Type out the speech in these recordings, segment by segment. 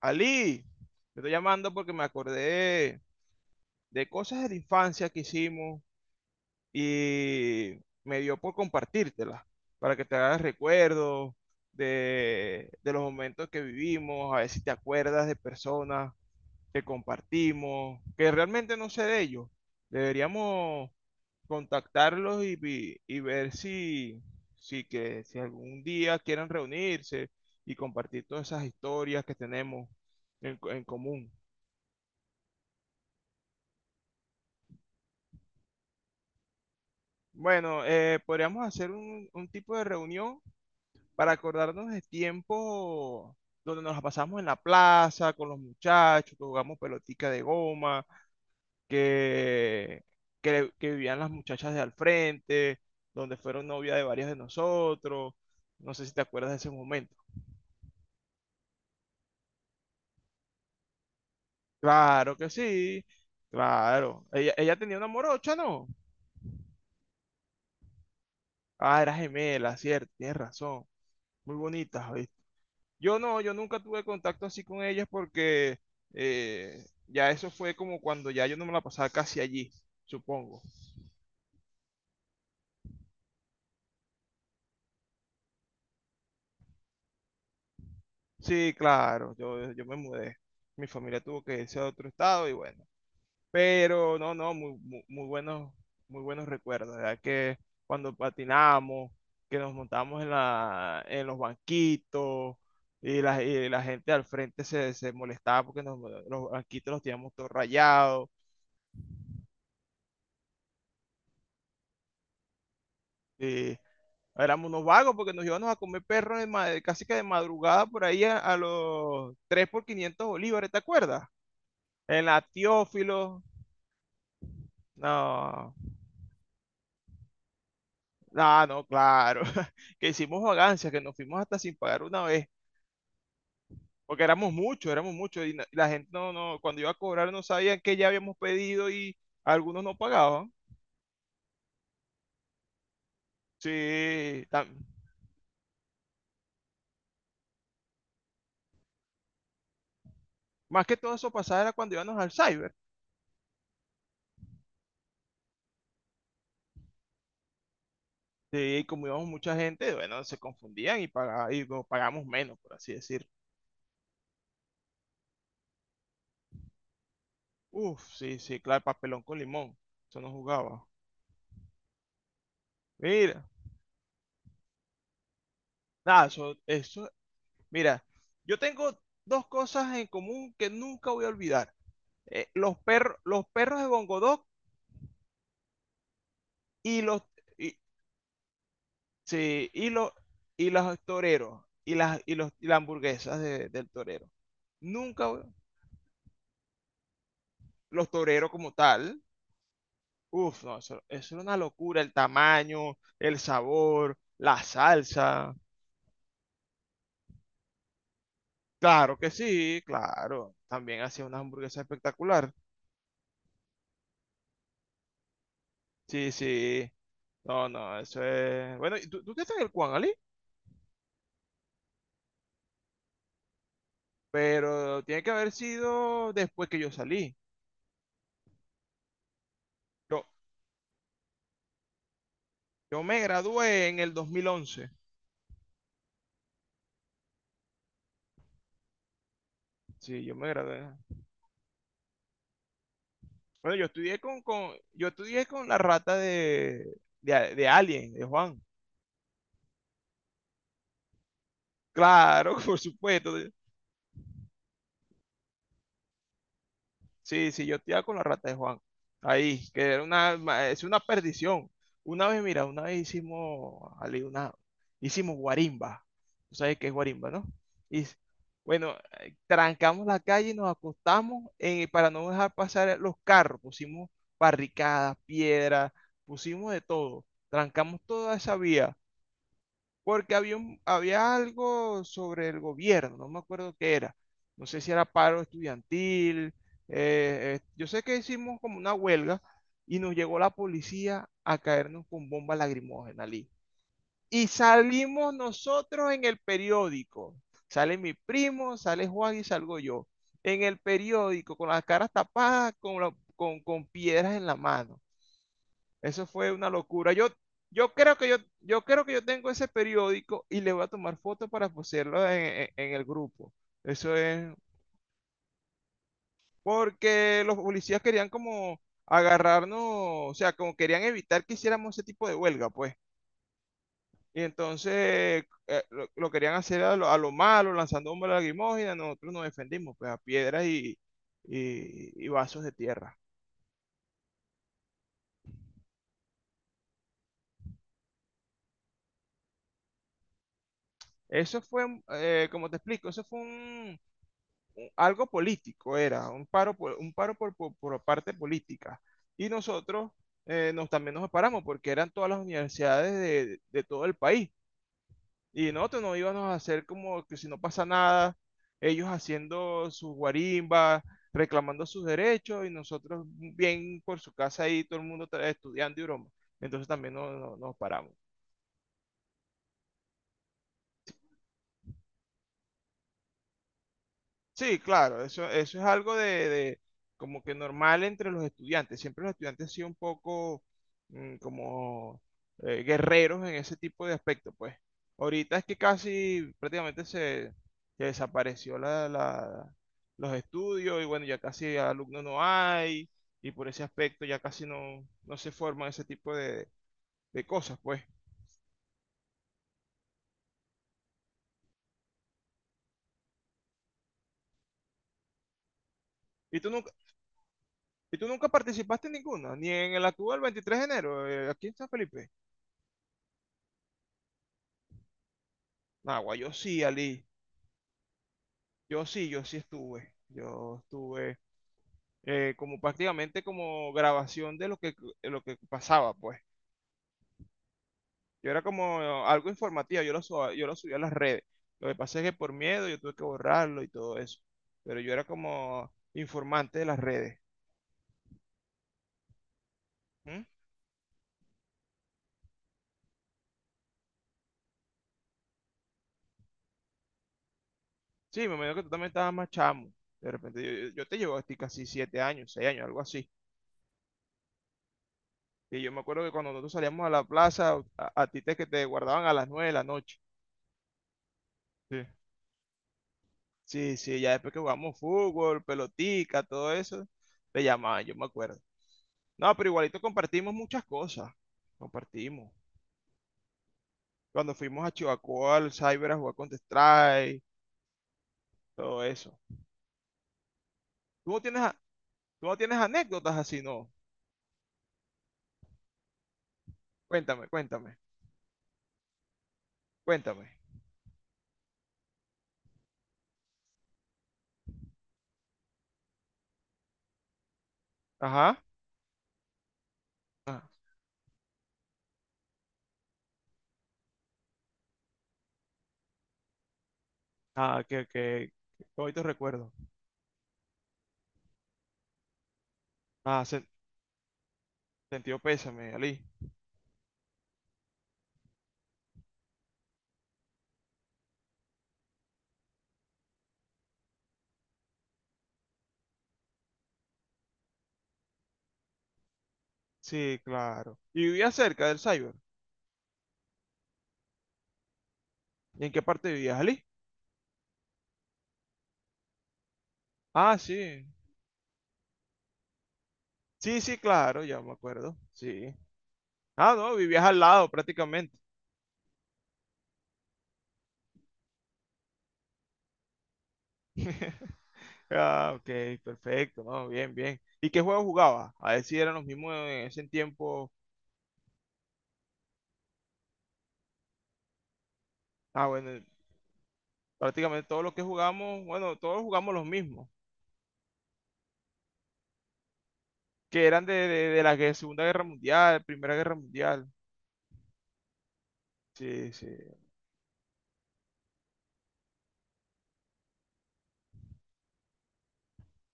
Ali, te estoy llamando porque me acordé de cosas de la infancia que hicimos y me dio por compartírtelas para que te hagas recuerdos de los momentos que vivimos, a ver si te acuerdas de personas que compartimos, que realmente no sé de ellos. Deberíamos contactarlos y ver si algún día quieren reunirse y compartir todas esas historias que tenemos en común. Bueno, podríamos hacer un tipo de reunión para acordarnos de tiempo donde nos la pasamos en la plaza con los muchachos, que jugamos pelotica de goma, que, que vivían las muchachas de al frente, donde fueron novia de varios de nosotros. No sé si te acuerdas de ese momento. Claro que sí, claro. Ella tenía una morocha, ¿no? Ah, era gemela, cierto, tienes razón. Muy bonita. Yo no, yo nunca tuve contacto así con ellas porque eh, ya eso fue como cuando ya yo no me la pasaba casi allí, supongo. Sí, claro, yo me mudé. Mi familia tuvo que irse a otro estado y bueno. Pero no, no, muy, muy, muy buenos recuerdos, ¿verdad? Que cuando patinamos, que nos montamos en los banquitos y la gente al frente se molestaba porque los banquitos los teníamos todos rayados. Sí, éramos unos vagos porque nos íbamos a comer perros de casi que de madrugada por ahí a los 3 por 500 bolívares, ¿te acuerdas? En la Teófilo. No, no, no, claro. Que hicimos vagancias, que nos fuimos hasta sin pagar una vez. Porque éramos muchos, éramos muchos. Y la gente no, no, cuando iba a cobrar no sabían que ya habíamos pedido y algunos no pagaban. Sí, más que todo eso pasaba era cuando íbamos al cyber. Sí, y como íbamos mucha gente, bueno, se confundían y bueno, pagamos menos, por así decir. Uf, sí, sí, claro, papelón con limón. Eso no jugaba. Mira, nada, eso, mira, yo tengo dos cosas en común que nunca voy a olvidar. Los perros, los perros de Bongodog y los, y, sí, y los, y los toreros, y las hamburguesas del torero. Nunca, los toreros como tal. Uf, no, eso era una locura, el tamaño, el sabor, la salsa. Claro que sí, claro. También hacía una hamburguesa espectacular. Sí, sí. No, no, eso es. Bueno, ¿y tú estás en el Juan, Ali? Pero tiene que haber sido después que yo salí. Yo, yo me gradué en el 2011. Sí, yo me gradué. Bueno, yo estudié con la rata de Alien, de Juan. Claro, por supuesto. Sí, sí, yo te con la rata de Juan. Ahí, que era es una perdición. Una vez, mira, una vez hicimos, Ali, hicimos guarimba. Tú sabes qué es guarimba, ¿no? Y bueno, trancamos la calle y nos acostamos, para no dejar pasar los carros. Pusimos barricadas, piedras, pusimos de todo. Trancamos toda esa vía porque había algo sobre el gobierno, no me acuerdo qué era. No sé si era paro estudiantil. Yo sé que hicimos como una huelga y nos llegó la policía a caernos con bomba lagrimógena, Lee. Y salimos nosotros en el periódico. Sale mi primo, sale Juan y salgo yo. En el periódico, con las caras tapadas, con piedras en la mano. Eso fue una locura. Yo creo que yo tengo ese periódico y le voy a tomar fotos para poseerlo en el grupo. Eso es porque los policías querían como agarrarnos, o sea, como querían evitar que hiciéramos ese tipo de huelga, pues. Y entonces, lo querían hacer a lo malo, lanzando bombas lacrimógenas. Nosotros nos defendimos, pues, a piedras y vasos de tierra. Eso fue, como te explico, eso fue algo político, era un paro, por parte política. Y nosotros, también nos paramos porque eran todas las universidades de todo el país. Y nosotros no íbamos a hacer como que si no pasa nada, ellos haciendo sus guarimbas, reclamando sus derechos y nosotros bien por su casa ahí, todo el mundo estudiando y broma. Entonces también nos paramos. Sí, claro, eso, eso es algo de como que normal entre los estudiantes. Siempre los estudiantes han sido un poco, como, guerreros en ese tipo de aspecto, pues. Ahorita es que casi prácticamente se desapareció los estudios y bueno, ya casi alumnos no hay y por ese aspecto ya casi no, no se forman ese tipo de cosas, pues. ¿Y tú nunca, y tú nunca participaste en ninguna? Ni en el actual 23 de enero, aquí en San Felipe. Nah, guay, yo sí, Ali. Yo sí, yo sí estuve. Yo estuve, como prácticamente como grabación de lo que, pasaba, pues. Yo era como algo informativo, yo lo subía a las redes. Lo que pasa es que por miedo yo tuve que borrarlo y todo eso. Pero yo era como informante de las redes. ¿Mm? Sí, me imagino que tú también estabas más chamo. De repente te llevo a ti casi 7 años, 6 años, algo así. Y yo me acuerdo que cuando nosotros salíamos a la plaza, a ti te, que te guardaban a las 9 de la noche. Sí. Sí, sí, ya después que jugamos fútbol, pelotica, todo eso, te llamaban, yo me acuerdo. No, pero igualito compartimos muchas cosas. Compartimos. Cuando fuimos a Chihuahua, al Cyber a jugar Counter-Strike, todo eso. ¿Tú no tienes anécdotas así, no? Cuéntame, cuéntame, cuéntame. Ajá. Ah, ah, que hoy te recuerdo. Ah, sentido pésame, Ali. Sí, claro. ¿Y vivías cerca del Cyber? ¿Y en qué parte vivías, Ali? Ah, sí. Sí, sí, claro, ya me acuerdo. Sí. Ah, no, vivías al lado prácticamente. Ah, ok, perfecto, no, bien, bien. ¿Y qué juego jugabas? A ver si eran los mismos en ese tiempo. Ah, bueno, prácticamente todos los que jugamos, bueno, todos jugamos los mismos, que eran de la Segunda Guerra Mundial, Primera Guerra Mundial. Sí, sí,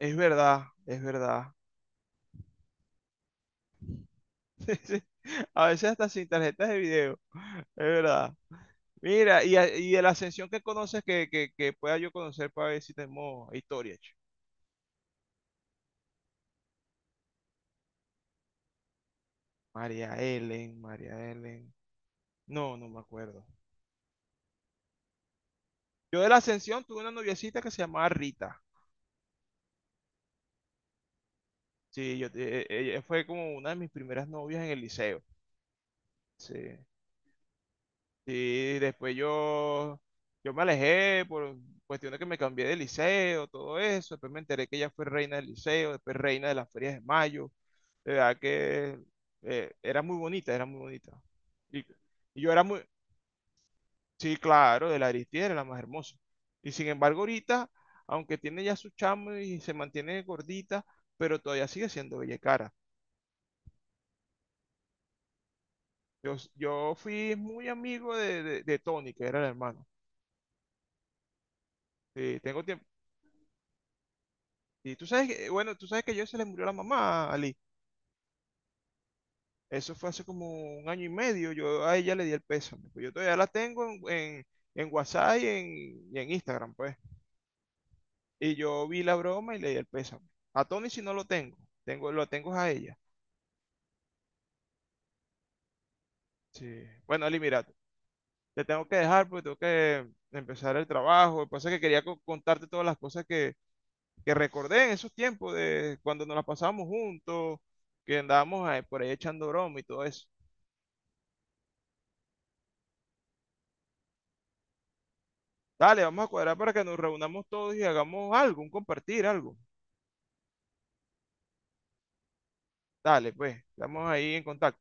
es verdad, es verdad. A veces hasta sin tarjetas de video, es verdad. Mira, y de la Ascensión que conoces que, que pueda yo conocer para ver si tenemos historia. María Ellen, María Ellen. No, no me acuerdo. Yo de la Ascensión tuve una noviecita que se llamaba Rita. Sí, ella fue como una de mis primeras novias en el liceo. Sí. Sí, después yo me alejé por cuestiones que me cambié de liceo, todo eso. Después me enteré que ella fue reina del liceo, después reina de las ferias de mayo. De verdad que, era muy bonita, era muy bonita. Y, y yo era muy. Sí, claro, de la Aristide era la más hermosa. Y sin embargo, ahorita, aunque tiene ya su chamo y se mantiene gordita, pero todavía sigue siendo bella y cara. Yo fui muy amigo de Tony, que era el hermano. Sí, tengo tiempo. Y tú sabes que, yo se le murió la mamá a Ali. Eso fue hace como un año y medio. Yo a ella le di el peso. Yo todavía la tengo en WhatsApp y en Instagram, pues. Y yo vi la broma y le di el peso. A Tony si no lo tengo. Lo tengo es a ella. Sí. Bueno, Ali, mira, te tengo que dejar porque tengo que empezar el trabajo. Lo que pasa es que quería contarte todas las cosas que recordé en esos tiempos de cuando nos las pasábamos juntos, que andábamos ahí por ahí echando broma y todo eso. Dale, vamos a cuadrar para que nos reunamos todos y hagamos algo, un compartir algo. Dale, pues, estamos ahí en contacto.